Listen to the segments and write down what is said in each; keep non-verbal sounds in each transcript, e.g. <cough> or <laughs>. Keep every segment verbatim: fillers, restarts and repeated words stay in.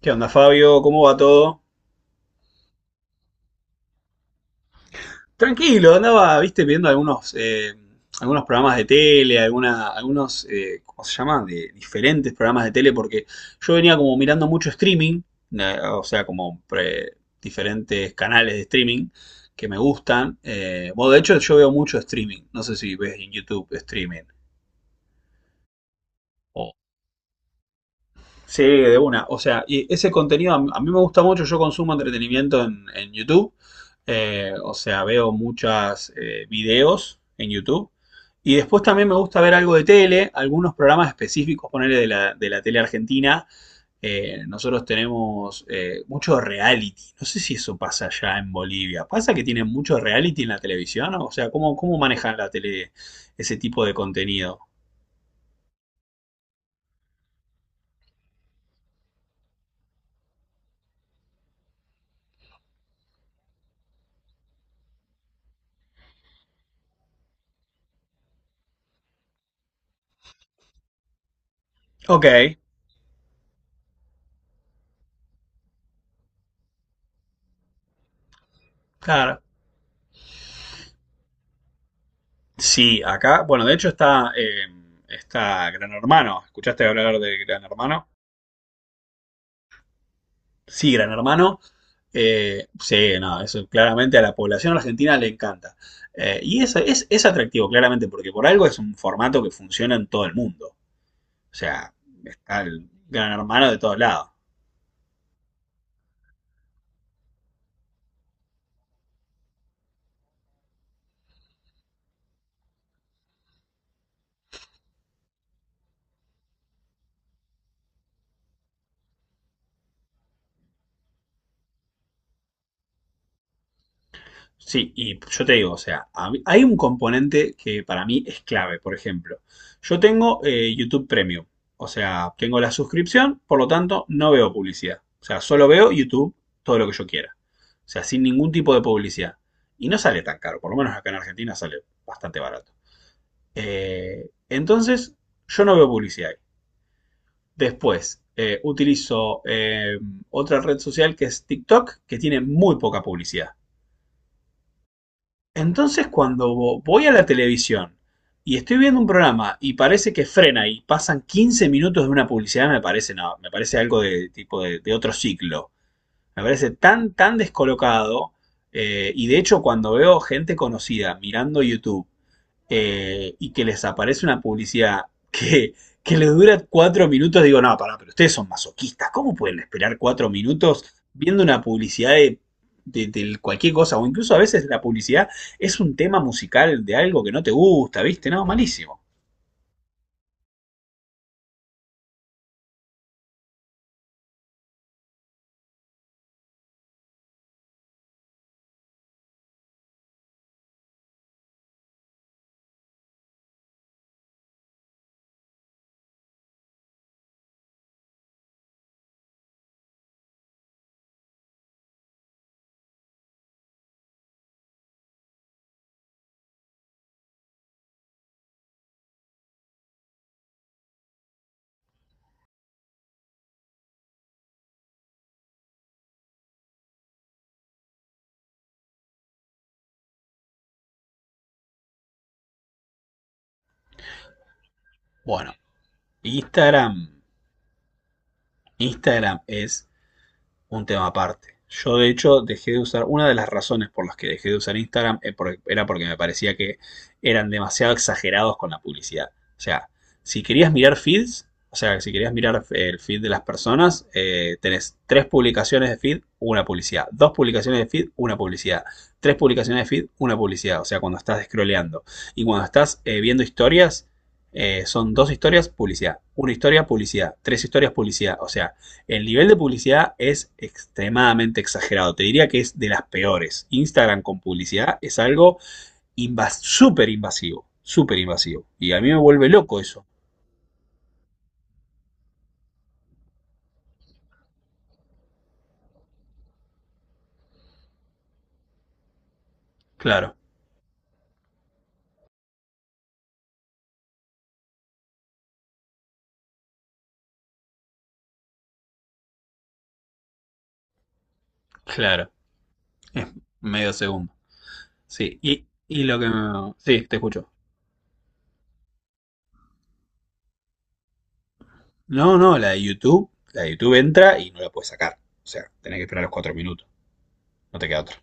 ¿Qué onda, Fabio? ¿Cómo va todo? Tranquilo, andaba, viste, viendo algunos, eh, algunos programas de tele, alguna, algunos, eh, ¿cómo se llama? De diferentes programas de tele, porque yo venía como mirando mucho streaming, eh, o sea, como pre- diferentes canales de streaming que me gustan. Eh, bueno, de hecho, yo veo mucho streaming. No sé si ves en YouTube streaming. Sí, de una. O sea, y ese contenido a, a mí me gusta mucho. Yo consumo entretenimiento en, en YouTube. Eh, o sea, veo muchos videos en YouTube. Y después también me gusta ver algo de tele, algunos programas específicos, ponerle de la, de la tele argentina. Eh, nosotros tenemos eh, mucho reality. No sé si eso pasa allá en Bolivia. ¿Pasa que tienen mucho reality en la televisión? O sea, ¿cómo, ¿cómo manejan la tele ese tipo de contenido? Ok, claro. Sí, acá, bueno, de hecho está, eh, está Gran Hermano. ¿Escuchaste hablar de Gran Hermano? Sí, Gran Hermano. Eh, sí, no, eso claramente a la población argentina le encanta. Eh, y eso es, es atractivo, claramente, porque por algo es un formato que funciona en todo el mundo. O sea, está el Gran Hermano de todos lados. Sí, y yo te digo, o sea, a mí- hay un componente que para mí es clave, por ejemplo. Yo tengo eh, YouTube Premium, o sea, tengo la suscripción, por lo tanto, no veo publicidad. O sea, solo veo YouTube todo lo que yo quiera. O sea, sin ningún tipo de publicidad. Y no sale tan caro, por lo menos acá en Argentina sale bastante barato. Eh, entonces, yo no veo publicidad ahí. Después, eh, utilizo eh, otra red social que es TikTok, que tiene muy poca publicidad. Entonces, cuando voy a la televisión y estoy viendo un programa y parece que frena y pasan quince minutos de una publicidad, me parece no, me parece algo de tipo de, de otro ciclo. Me parece tan, tan descolocado. Eh, y de hecho, cuando veo gente conocida mirando YouTube eh, y que les aparece una publicidad que, que les dura cuatro minutos, digo, no, pará, pero ustedes son masoquistas, ¿cómo pueden esperar cuatro minutos viendo una publicidad de, de- de cualquier cosa? O incluso a veces la publicidad es un tema musical de algo que no te gusta, ¿viste? No, malísimo. Bueno, Instagram, Instagram es un tema aparte. Yo de hecho dejé de usar, una de las razones por las que dejé de usar Instagram eh, era porque me parecía que eran demasiado exagerados con la publicidad. O sea, si querías mirar feeds, o sea, si querías mirar eh, el feed de las personas, eh, tenés tres publicaciones de feed, una publicidad. Dos publicaciones de feed, una publicidad. Tres publicaciones de feed, una publicidad. O sea, cuando estás scrolleando. Y cuando estás eh, viendo historias, eh, son dos historias, publicidad. Una historia, publicidad. Tres historias, publicidad. O sea, el nivel de publicidad es extremadamente exagerado. Te diría que es de las peores. Instagram con publicidad es algo invas súper invasivo. Súper invasivo. Y a mí me vuelve loco eso. Claro, claro. Es medio segundo. Sí, y, y lo que me... Sí, te escucho. No, no, la de YouTube. La de YouTube entra y no la puedes sacar. O sea, tenés que esperar los cuatro minutos. No te queda otra.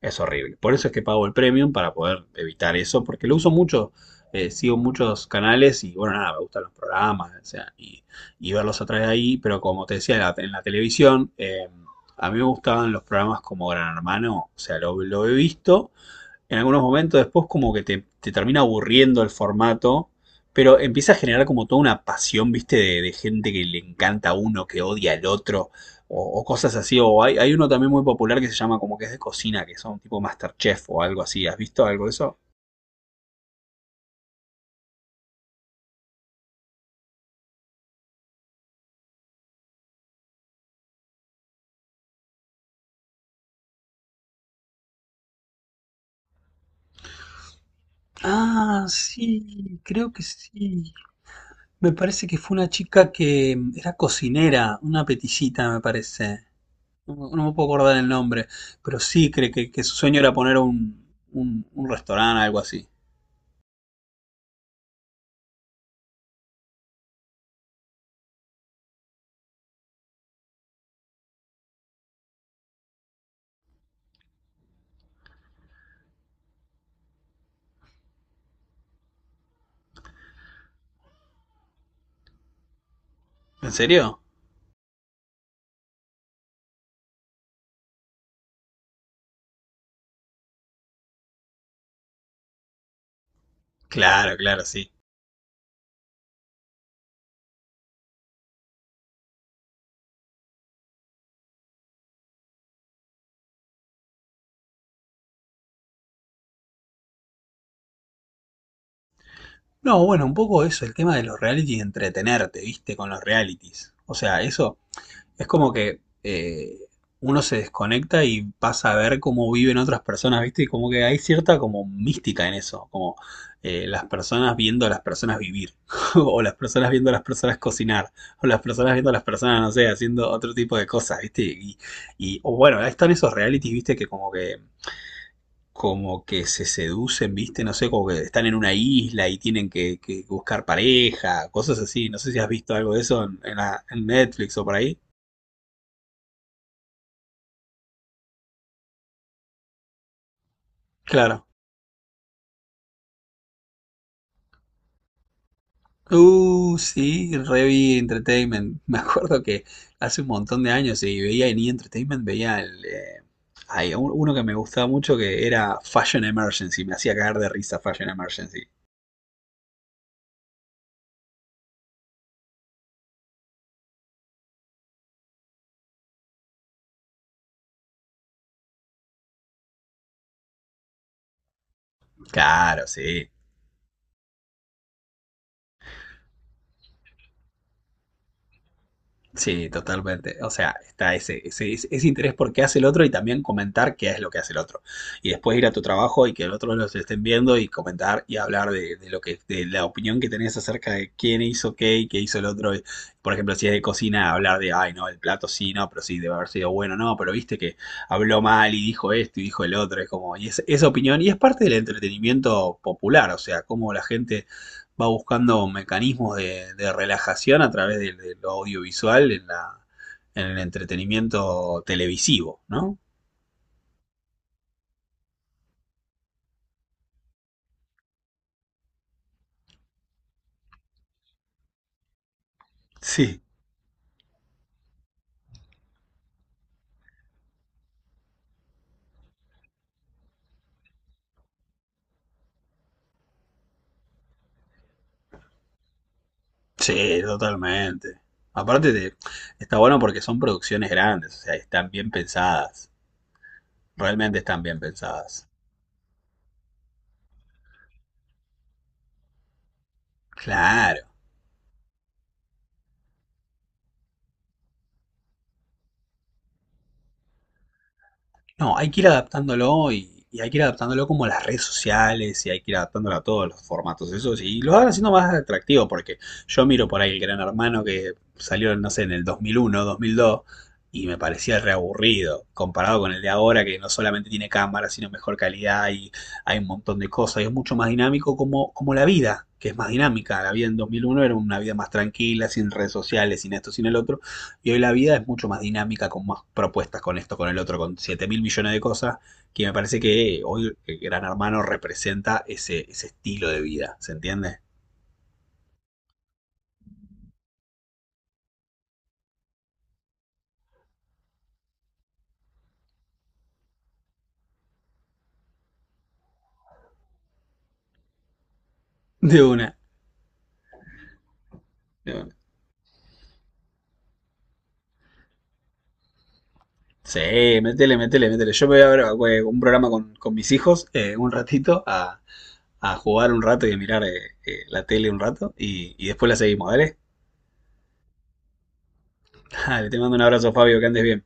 Es horrible. Por eso es que pago el premium para poder evitar eso, porque lo uso mucho, eh, sigo muchos canales y bueno, nada, me gustan los programas, o sea, y, y verlos a través de ahí, pero como te decía, en la, en la televisión, eh, a mí me gustaban los programas como Gran Hermano, o sea, lo, lo he visto, en algunos momentos después como que te, te termina aburriendo el formato, pero empieza a generar como toda una pasión, viste, de, de gente que le encanta a uno, que odia al otro, o, o cosas así, o hay, hay uno también muy popular que se llama como que es de cocina, que son tipo Masterchef o algo así, ¿has visto algo de eso? Ah, sí, creo que sí. Me parece que fue una chica que mm, era cocinera, una peticita, me parece. No, no me puedo acordar el nombre, pero sí, creo que, que su sueño era poner un, un, un restaurante, algo así. ¿En serio? Claro, claro, sí. No, bueno, un poco eso, el tema de los reality y entretenerte, viste, con los realities. O sea, eso es como que eh, uno se desconecta y pasa a ver cómo viven otras personas, ¿viste? Y como que hay cierta como mística en eso, como eh, las personas viendo a las personas vivir, <laughs> o las personas viendo a las personas cocinar, o las personas viendo a las personas, no sé, haciendo otro tipo de cosas, ¿viste? Y, y o bueno, ahí están esos realities, ¿viste? Que como que como que se seducen, ¿viste? No sé, como que están en una isla y tienen que, que buscar pareja, cosas así. No sé si has visto algo de eso en, en la- en Netflix o por ahí. Claro. Uh, sí, Revi Entertainment. <laughs> Me acuerdo que hace un montón de años y veía en E! Entertainment, veía el, eh, ay, un- uno que me gustaba mucho que era Fashion Emergency. Me hacía cagar de risa Fashion Emergency. Claro, sí. Sí, totalmente. O sea, está ese, ese, ese- ese interés por qué hace el otro y también comentar qué es lo que hace el otro. Y después ir a tu trabajo y que el otro los estén viendo y comentar y hablar de, de lo que, de la opinión que tenés acerca de quién hizo qué y qué hizo el otro. Y, por ejemplo, si es de cocina, hablar de, ay, no, el plato sí, no, pero sí, debe haber sido bueno, no, pero viste que habló mal y dijo esto y dijo el otro. Es como, y es- Esa opinión, y es parte del entretenimiento popular, o sea, cómo la gente va buscando mecanismos de, de relajación a través de, de lo audiovisual en, la, en el entretenimiento televisivo, ¿no? Sí. Sí, totalmente. Aparte de, está bueno porque son producciones grandes, o sea, están bien pensadas. Realmente están bien pensadas. Claro. No, hay que ir adaptándolo y, y hay que ir adaptándolo como a las redes sociales y hay que ir adaptándolo a todos los formatos esos y lo van haciendo más atractivo porque yo miro por ahí el Gran Hermano que salió, no sé, en el dos mil uno, dos mil dos y me parecía reaburrido comparado con el de ahora que no solamente tiene cámara sino mejor calidad y hay un montón de cosas y es mucho más dinámico como, como la vida, que es más dinámica. La vida en dos mil uno era una vida más tranquila, sin redes sociales, sin esto, sin el otro y hoy la vida es mucho más dinámica, con más propuestas, con esto, con el otro, con siete mil millones de cosas, que me parece que hoy el Gran Hermano representa ese, ese estilo de vida, ¿se entiende? De una, de una. Sí, métele, métele, métele. Yo me voy a ver un programa con, con mis hijos eh, un ratito a, a jugar un rato y a mirar eh, eh, la tele un rato y, y después la seguimos, ¿vale? <laughs> Dale, te mando un abrazo, Fabio, que andes bien.